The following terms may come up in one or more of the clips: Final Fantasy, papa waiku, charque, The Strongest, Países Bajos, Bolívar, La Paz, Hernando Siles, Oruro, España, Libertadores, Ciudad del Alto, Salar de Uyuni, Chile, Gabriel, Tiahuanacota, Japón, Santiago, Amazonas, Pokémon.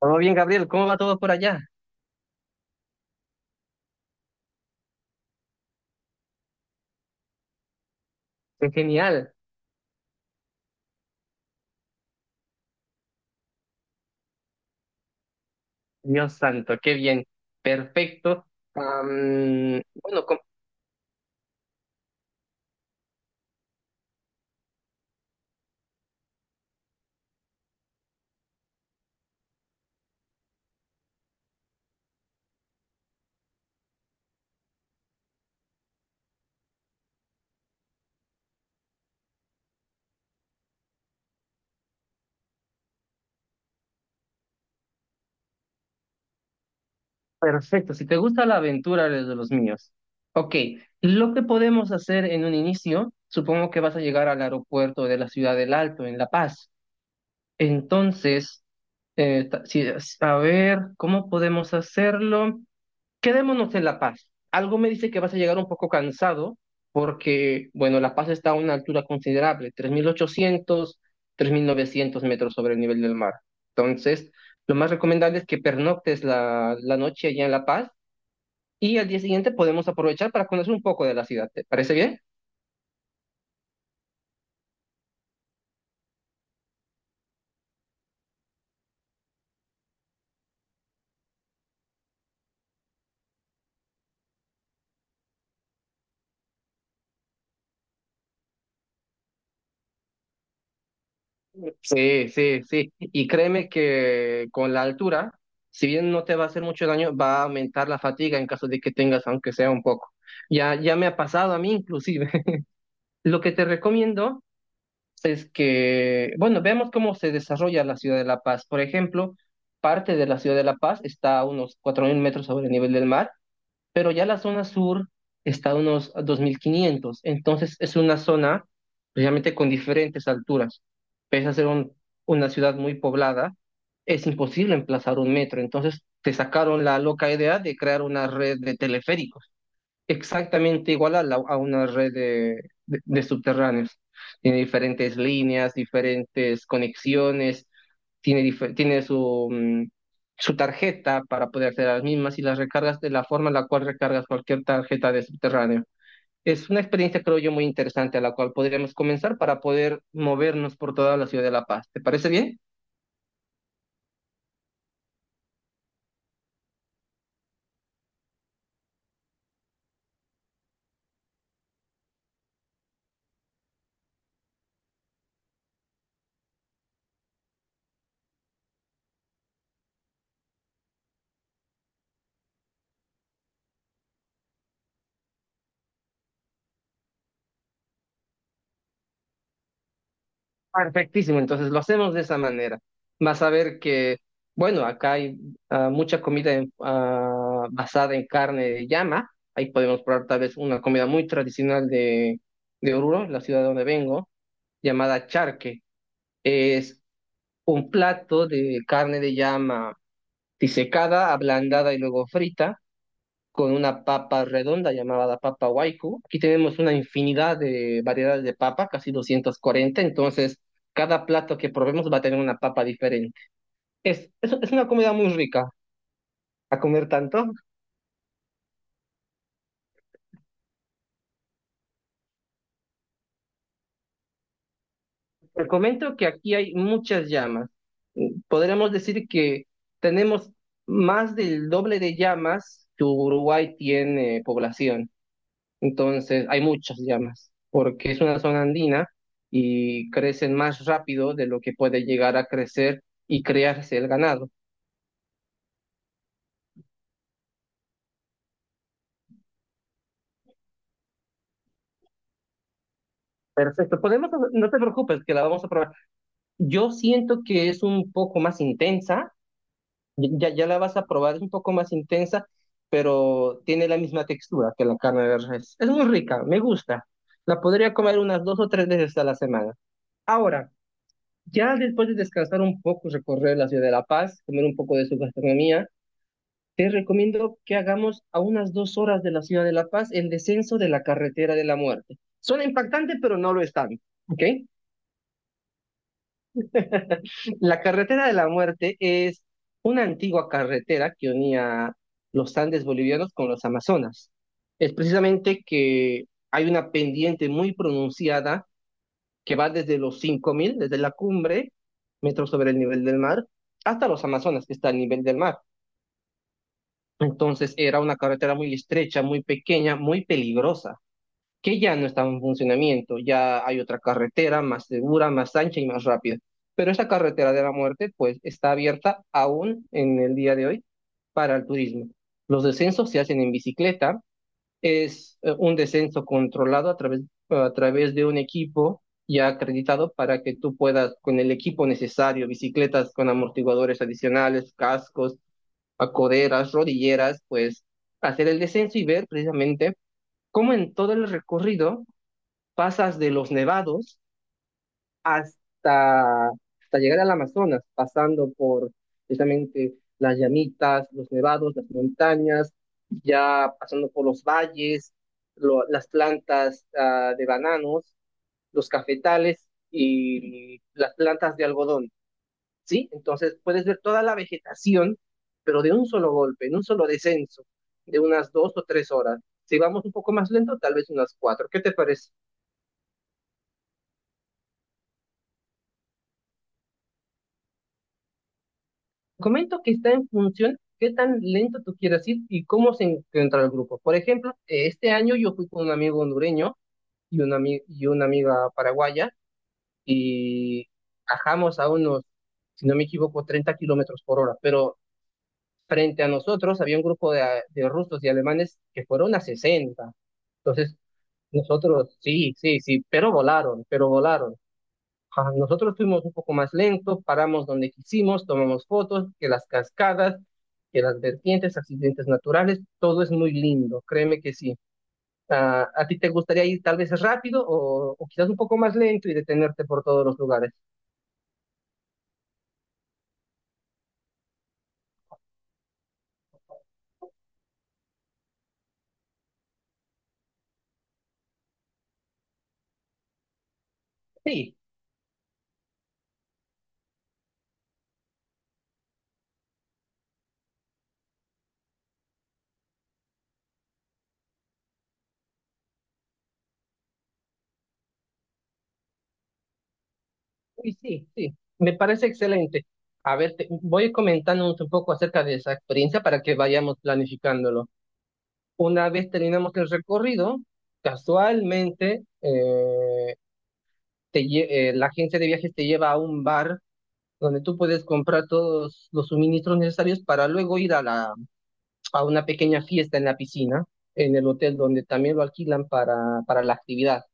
Todo bien, Gabriel, ¿cómo va todo por allá? Qué genial, Dios santo, qué bien, perfecto. Bueno, perfecto, si te gusta la aventura, eres de los míos. Ok, lo que podemos hacer en un inicio, supongo que vas a llegar al aeropuerto de la Ciudad del Alto, en La Paz. Entonces, eh, ta- si- a ver, ¿cómo podemos hacerlo? Quedémonos en La Paz. Algo me dice que vas a llegar un poco cansado porque, bueno, La Paz está a una altura considerable, 3.800, 3.900 metros sobre el nivel del mar. Entonces, lo más recomendable es que pernoctes la noche allá en La Paz y al día siguiente podemos aprovechar para conocer un poco de la ciudad. ¿Te parece bien? Sí, sí, sí. Y créeme que con la altura, si bien no te va a hacer mucho daño, va a aumentar la fatiga en caso de que tengas, aunque sea un poco. Ya, ya me ha pasado a mí inclusive. Lo que te recomiendo es que, bueno, veamos cómo se desarrolla la ciudad de La Paz. Por ejemplo, parte de la ciudad de La Paz está a unos 4.000 metros sobre el nivel del mar, pero ya la zona sur está a unos 2.500. Entonces es una zona precisamente con diferentes alturas. Pese a ser una ciudad muy poblada, es imposible emplazar un metro. Entonces te sacaron la loca idea de crear una red de teleféricos exactamente igual a una red de, de subterráneos. Tiene diferentes líneas, diferentes conexiones, tiene su tarjeta para poder hacer las mismas y las recargas de la forma en la cual recargas cualquier tarjeta de subterráneo. Es una experiencia, creo yo, muy interesante a la cual podríamos comenzar para poder movernos por toda la ciudad de La Paz. ¿Te parece bien? Perfectísimo, entonces lo hacemos de esa manera. Vas a ver que, bueno, acá hay mucha comida basada en carne de llama. Ahí podemos probar tal vez una comida muy tradicional de Oruro, la ciudad de donde vengo, llamada charque. Es un plato de carne de llama disecada, ablandada y luego frita con una papa redonda llamada la papa waiku. Aquí tenemos una infinidad de variedades de papa, casi 240, entonces cada plato que probemos va a tener una papa diferente. Es una comida muy rica a comer tanto. Te comento que aquí hay muchas llamas. Podríamos decir que tenemos más del doble de llamas que Uruguay tiene población. Entonces, hay muchas llamas, porque es una zona andina y crecen más rápido de lo que puede llegar a crecer y crearse el ganado. Perfecto, podemos, no te preocupes, que la vamos a probar. Yo siento que es un poco más intensa, ya, ya la vas a probar, es un poco más intensa, pero tiene la misma textura que la carne de res. Es muy rica, me gusta. La podría comer unas dos o tres veces a la semana. Ahora, ya después de descansar un poco, recorrer la ciudad de La Paz, comer un poco de su gastronomía, te recomiendo que hagamos a unas dos horas de la ciudad de La Paz el descenso de la carretera de la muerte. Suena impactante, pero no lo es tanto, ¿ok? La carretera de la muerte es una antigua carretera que unía los Andes bolivianos con los Amazonas. Es precisamente que hay una pendiente muy pronunciada que va desde los 5.000, desde la cumbre, metros sobre el nivel del mar, hasta los Amazonas, que está al nivel del mar. Entonces era una carretera muy estrecha, muy pequeña, muy peligrosa, que ya no estaba en funcionamiento. Ya hay otra carretera más segura, más ancha y más rápida. Pero esta carretera de la muerte, pues, está abierta aún en el día de hoy para el turismo. Los descensos se hacen en bicicleta. Es un descenso controlado a través de un equipo ya acreditado para que tú puedas, con el equipo necesario, bicicletas con amortiguadores adicionales, cascos, a coderas, rodilleras, pues hacer el descenso y ver precisamente cómo en todo el recorrido pasas de los nevados hasta llegar al Amazonas, pasando por precisamente las llamitas, los nevados, las montañas, ya pasando por los valles, las plantas de bananos, los cafetales y las plantas de algodón. ¿Sí? Entonces puedes ver toda la vegetación, pero de un solo golpe, en un solo descenso, de unas dos o tres horas. Si vamos un poco más lento, tal vez unas cuatro. ¿Qué te parece? Comento que está en función qué tan lento tú quieras ir y cómo se encuentra el grupo. Por ejemplo, este año yo fui con un amigo hondureño y una amiga paraguaya y bajamos a unos, si no me equivoco, 30 kilómetros por hora, pero frente a nosotros había un grupo de rusos y alemanes que fueron a 60. Entonces, nosotros, sí, sí, sí, pero volaron, pero volaron. Ajá, nosotros fuimos un poco más lentos, paramos donde quisimos, tomamos fotos, que las cascadas, que las vertientes, accidentes naturales, todo es muy lindo, créeme que sí. A ti te gustaría ir tal vez rápido o quizás un poco más lento y detenerte por todos los lugares? Sí. Uy, sí, sí, me parece excelente. A ver, voy comentándonos un poco acerca de esa experiencia para que vayamos planificándolo. Una vez terminamos el recorrido, casualmente la agencia de viajes te lleva a un bar donde tú puedes comprar todos los suministros necesarios para luego ir a la, a una pequeña fiesta en la piscina, en el hotel donde también lo alquilan para la actividad.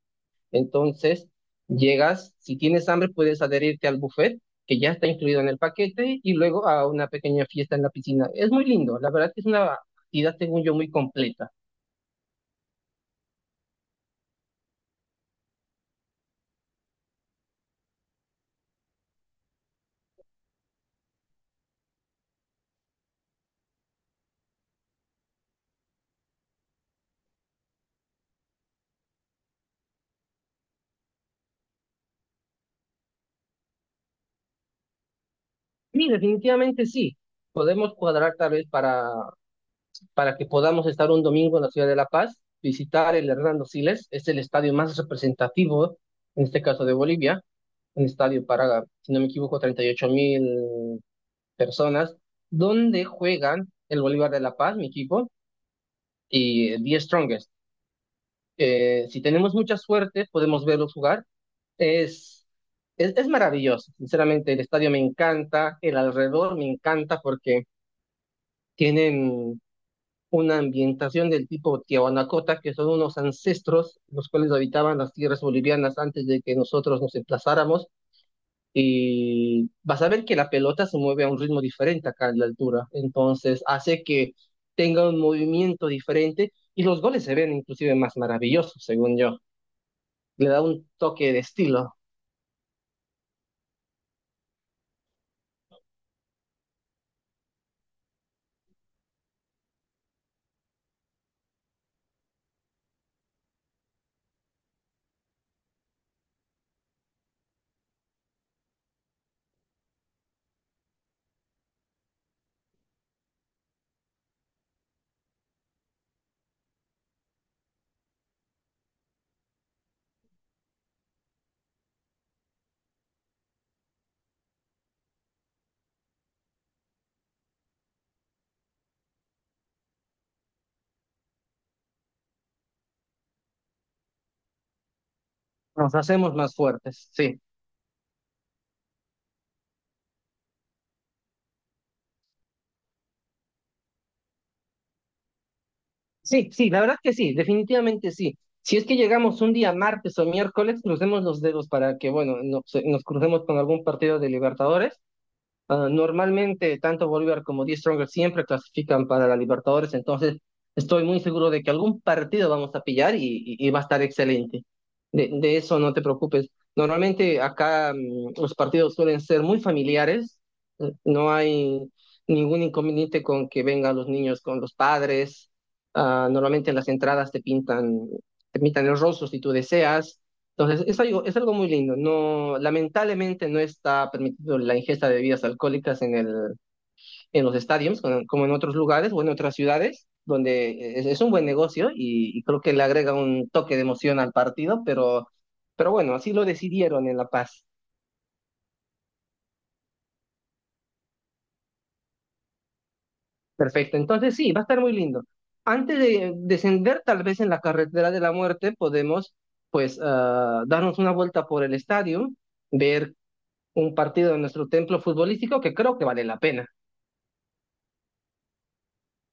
Entonces, llegas, si tienes hambre, puedes adherirte al buffet, que ya está incluido en el paquete, y luego a una pequeña fiesta en la piscina. Es muy lindo, la verdad que es una actividad, según yo, muy completa. Sí, definitivamente sí. Podemos cuadrar tal vez para que podamos estar un domingo en la ciudad de La Paz, visitar el Hernando Siles, es el estadio más representativo, en este caso de Bolivia, un estadio para, si no me equivoco, 38.000 personas, donde juegan el Bolívar de La Paz, mi equipo, y the Strongest. Si tenemos mucha suerte, podemos verlos jugar. Es, es maravilloso, sinceramente. El estadio me encanta, el alrededor me encanta porque tienen una ambientación del tipo Tiahuanacota, que son unos ancestros los cuales habitaban las tierras bolivianas antes de que nosotros nos emplazáramos y vas a ver que la pelota se mueve a un ritmo diferente acá en la altura. Entonces hace que tenga un movimiento diferente y los goles se ven inclusive más maravillosos, según yo. Le da un toque de estilo. Nos hacemos más fuertes, sí. Sí, sí, la verdad que sí, definitivamente sí. Si es que llegamos un día martes o miércoles, crucemos los dedos para que, bueno, nos crucemos con algún partido de Libertadores. Normalmente, tanto Bolívar como Die Stronger siempre clasifican para la Libertadores, entonces estoy muy seguro de que algún partido vamos a pillar y va a estar excelente. De eso no te preocupes. Normalmente acá los partidos suelen ser muy familiares, no hay ningún inconveniente con que vengan los niños con los padres. Normalmente en las entradas te pintan el rostro si tú deseas. Entonces, es algo muy lindo. No, lamentablemente no está permitido la ingesta de bebidas alcohólicas en los estadios, como en otros lugares o en otras ciudades, donde es un buen negocio y creo que le agrega un toque de emoción al partido, pero, bueno, así lo decidieron en La Paz. Perfecto. Entonces, sí, va a estar muy lindo. Antes de descender, tal vez en la carretera de la muerte, podemos, pues, darnos una vuelta por el estadio, ver un partido de nuestro templo futbolístico que creo que vale la pena.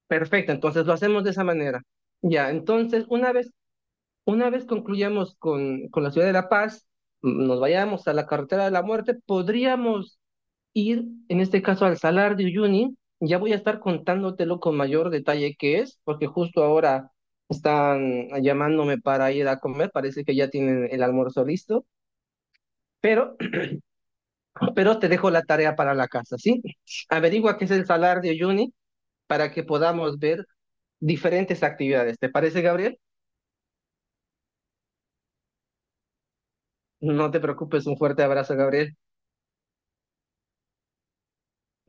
Perfecto, entonces lo hacemos de esa manera. Ya, entonces una vez concluyamos con la ciudad de La Paz, nos vayamos a la carretera de la muerte, podríamos ir, en este caso, al Salar de Uyuni. Ya voy a estar contándotelo con mayor detalle qué es, porque justo ahora están llamándome para ir a comer, parece que ya tienen el almuerzo listo, pero, pero te dejo la tarea para la casa, ¿sí? Averigua qué es el Salar de Uyuni para que podamos ver diferentes actividades. ¿Te parece, Gabriel? No te preocupes, un fuerte abrazo, Gabriel.